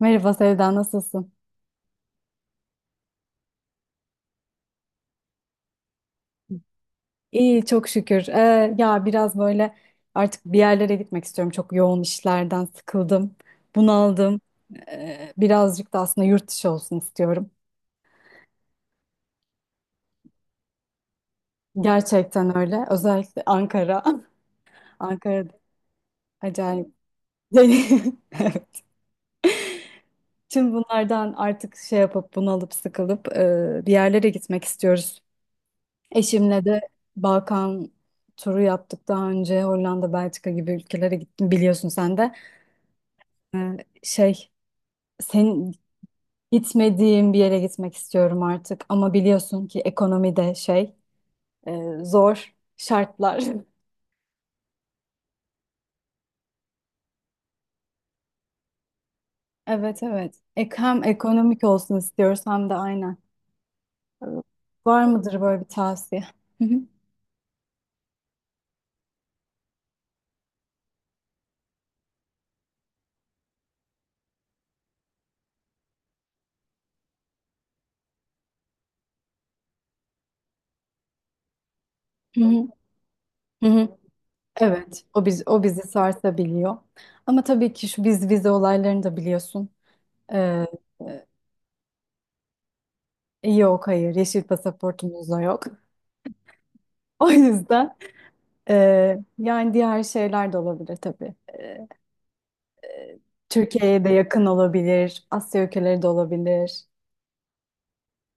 Merhaba Sevda, nasılsın? İyi, çok şükür. Ya biraz böyle artık bir yerlere gitmek istiyorum. Çok yoğun işlerden sıkıldım, bunaldım. Birazcık da aslında yurt dışı olsun istiyorum. Gerçekten öyle. Özellikle Ankara. Ankara'da acayip. Evet. Tüm bunlardan artık şey yapıp bunalıp sıkılıp bir yerlere gitmek istiyoruz. Eşimle de Balkan turu yaptık daha önce. Hollanda, Belçika gibi ülkelere gittim biliyorsun sen de. Ee, şey, sen gitmediğim bir yere gitmek istiyorum artık ama biliyorsun ki ekonomi de şey zor şartlar. Evet, evet. Ek hem ekonomik olsun istiyoruz hem de aynen. Ee, Var mıdır böyle bir tavsiye? Hı hı, hı hı, hı hı. Evet, o o bizi sarsabiliyor. Ama tabii ki şu biz vize olaylarını da biliyorsun. Ee, yok, hayır, yeşil pasaportumuz da yok. O yüzden e, yani diğer şeyler de olabilir tabii. Türkiye'ye de yakın olabilir, Asya ülkeleri de olabilir.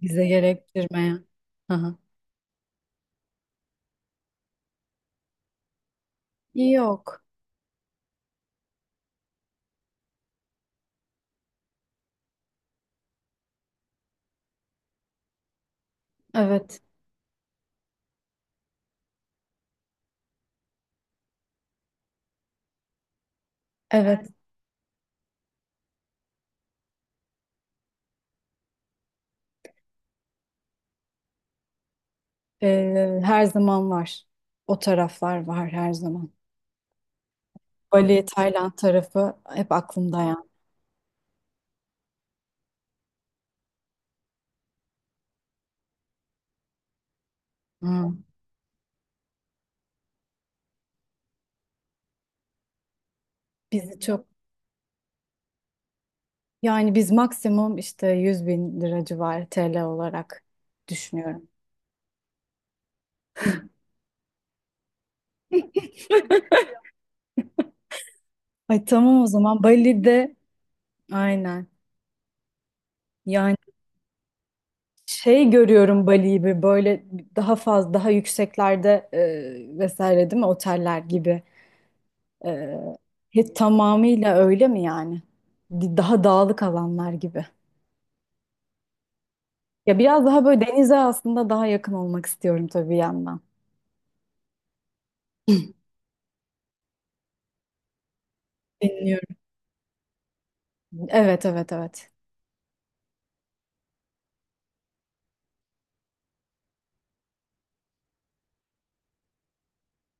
Vize gerektirmeyen. Hı hı. Yok. Evet. Evet. Her zaman var. O taraflar var her zaman. Bali, Tayland tarafı hep aklımda yani. Hı. Bizi çok yani biz maksimum işte 100 bin lira civarı TL olarak düşünüyorum. Ay tamam, o zaman Bali'de aynen. Yani şey görüyorum, Bali gibi böyle daha fazla daha yükseklerde vesaire değil mi, oteller gibi. E, tamamıyla öyle mi yani? Daha dağlık alanlar gibi. Ya biraz daha böyle denize aslında daha yakın olmak istiyorum tabii bir yandan. Dinliyorum. Evet, evet, evet.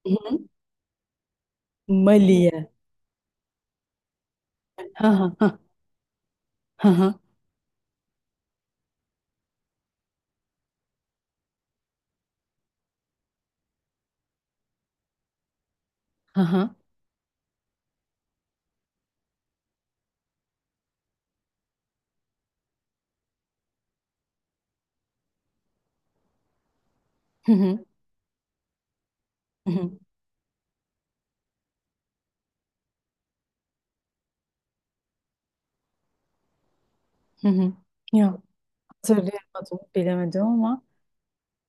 Hı hı. Mali'ye. Ha ha ha, ha ha. Hı hı. Hı hı. Hı hı. Hı hatırlayamadım, bilemedim ama.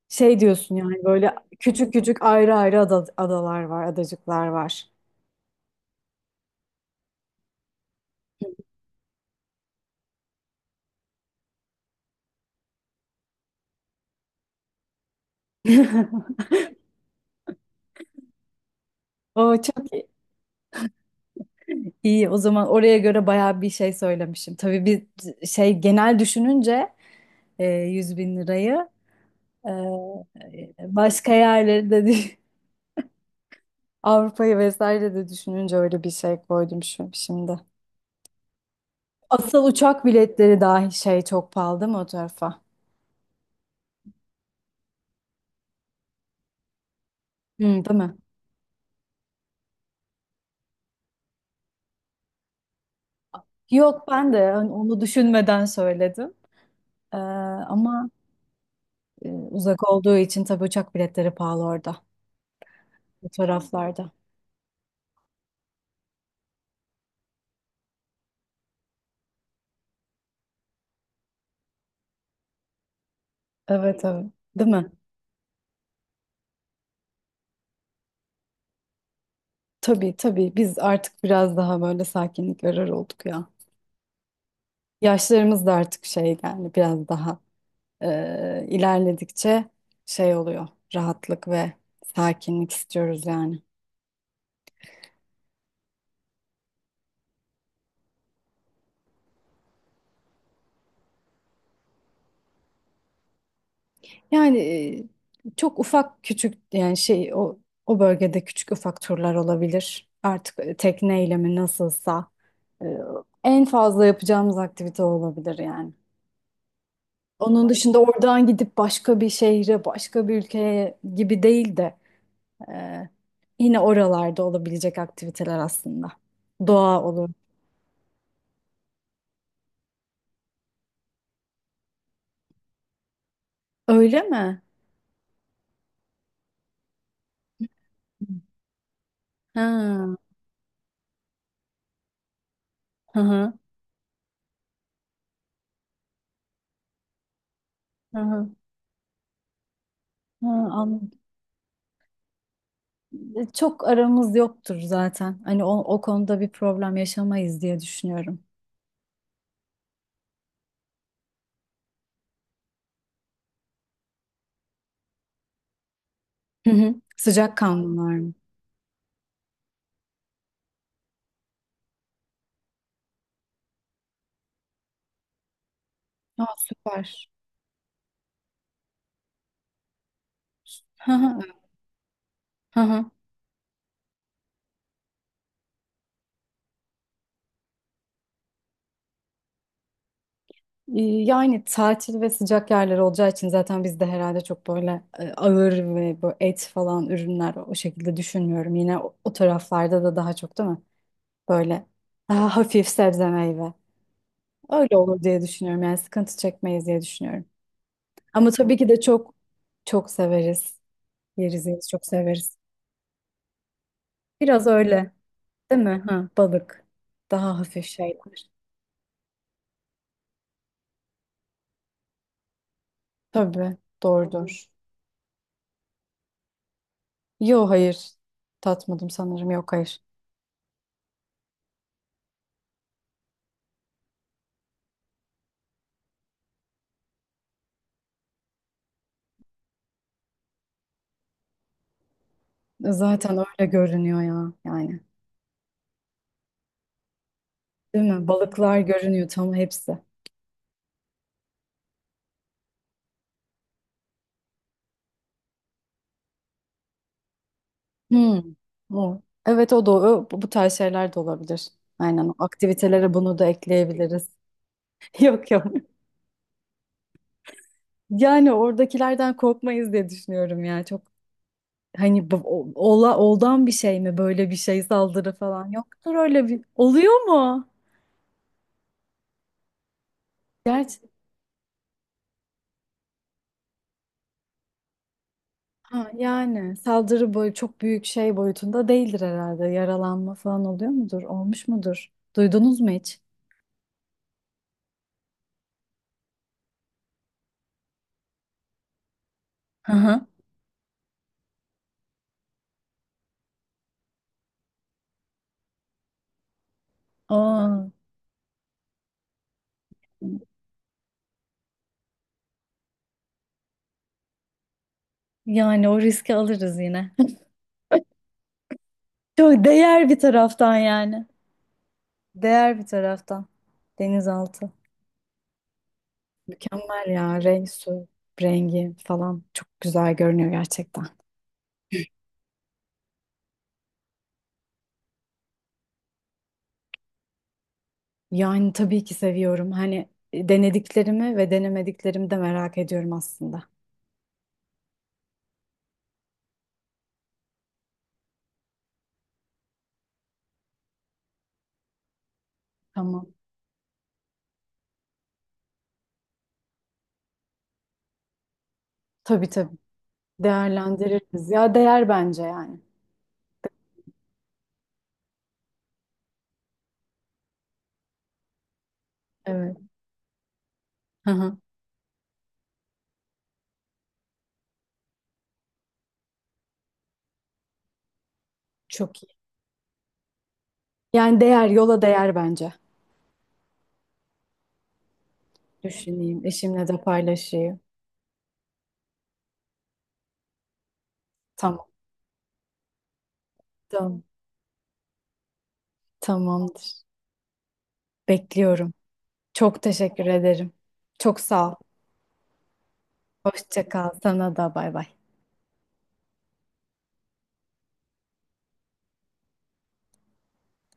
Şey diyorsun yani, böyle küçük küçük ayrı ayrı adalar var, adacıklar var. O çok iyi. İyi, o zaman oraya göre bayağı bir şey söylemişim. Tabii bir şey genel düşününce 100 bin lirayı e, başka yerleri de dü- Avrupa'yı vesaire de düşününce öyle bir şey koydum şu, şimdi. Asıl uçak biletleri dahi şey çok pahalı değil mi o tarafa? Hı, değil mi? Yok, ben de hani onu düşünmeden söyledim. Ee, ama uzak olduğu için tabii uçak biletleri pahalı orada. Bu taraflarda. Evet, evet. Değil mi? Tabii, tabii. Biz artık biraz daha böyle sakinlik arar olduk ya. Yaşlarımız da artık şey yani biraz daha ilerledikçe şey oluyor. Rahatlık ve sakinlik istiyoruz yani. Yani çok ufak küçük yani şey o bölgede küçük ufak turlar olabilir. Artık tekneyle mi nasılsa e, en fazla yapacağımız aktivite olabilir yani. Onun dışında oradan gidip başka bir şehre, başka bir ülkeye gibi değil de e, yine oralarda olabilecek aktiviteler aslında. Doğa olur. Öyle mi? Ha, hı hı, hı hı. Ha, anladım. Çok aramız yoktur zaten. Hani o konuda bir problem yaşamayız diye düşünüyorum. Hı hı. Sıcak kanlılar mı? Aa, süper. Hı hı, hı hı. Yani tatil ve sıcak yerler olacağı için zaten biz de herhalde çok böyle ağır ve bu et falan ürünler o şekilde düşünmüyorum. Yine o taraflarda da daha çok değil mi? Böyle daha hafif sebze meyve. Öyle olur diye düşünüyorum. Yani sıkıntı çekmeyiz diye düşünüyorum. Ama tabii ki de çok çok severiz. Yeriz yeriz çok severiz. Biraz öyle değil mi? Ha, balık. Daha hafif şeyler. Tabii doğrudur. Yok, hayır. Tatmadım sanırım. Yok, hayır. Zaten öyle görünüyor ya yani. Değil mi? Balıklar görünüyor tam hepsi. Hmm. O. Evet, bu bu tarz şeyler de olabilir. Aynen o aktivitelere bunu da ekleyebiliriz. Yok, yok. Yani oradakilerden korkmayız diye düşünüyorum ya. Çok hani bu- o- ola oldan bir şey mi, böyle bir şey saldırı falan yoktur öyle bir. Oluyor mu? Gerçi ha, yani saldırı boyu çok büyük şey boyutunda değildir herhalde. Yaralanma falan oluyor mudur? Olmuş mudur? Duydunuz mu hiç? Aa, yani o riski alırız yine. Çok değer bir taraftan yani. Değer bir taraftan. Denizaltı. Mükemmel ya, renk, su rengi falan çok güzel görünüyor gerçekten. Yani tabii ki seviyorum. Hani denediklerimi ve denemediklerimi de merak ediyorum aslında. Tamam. Tabii, tabii. Değerlendiririz. Ya değer bence yani. Evet. Hı hı. Çok iyi. Yani değer, yola değer bence. Düşüneyim. Eşimle de paylaşayım. Tamam. Tamam. Tamamdır. Bekliyorum. Çok teşekkür ederim. Çok sağ ol. Hoşça kal. Sana da bay bay.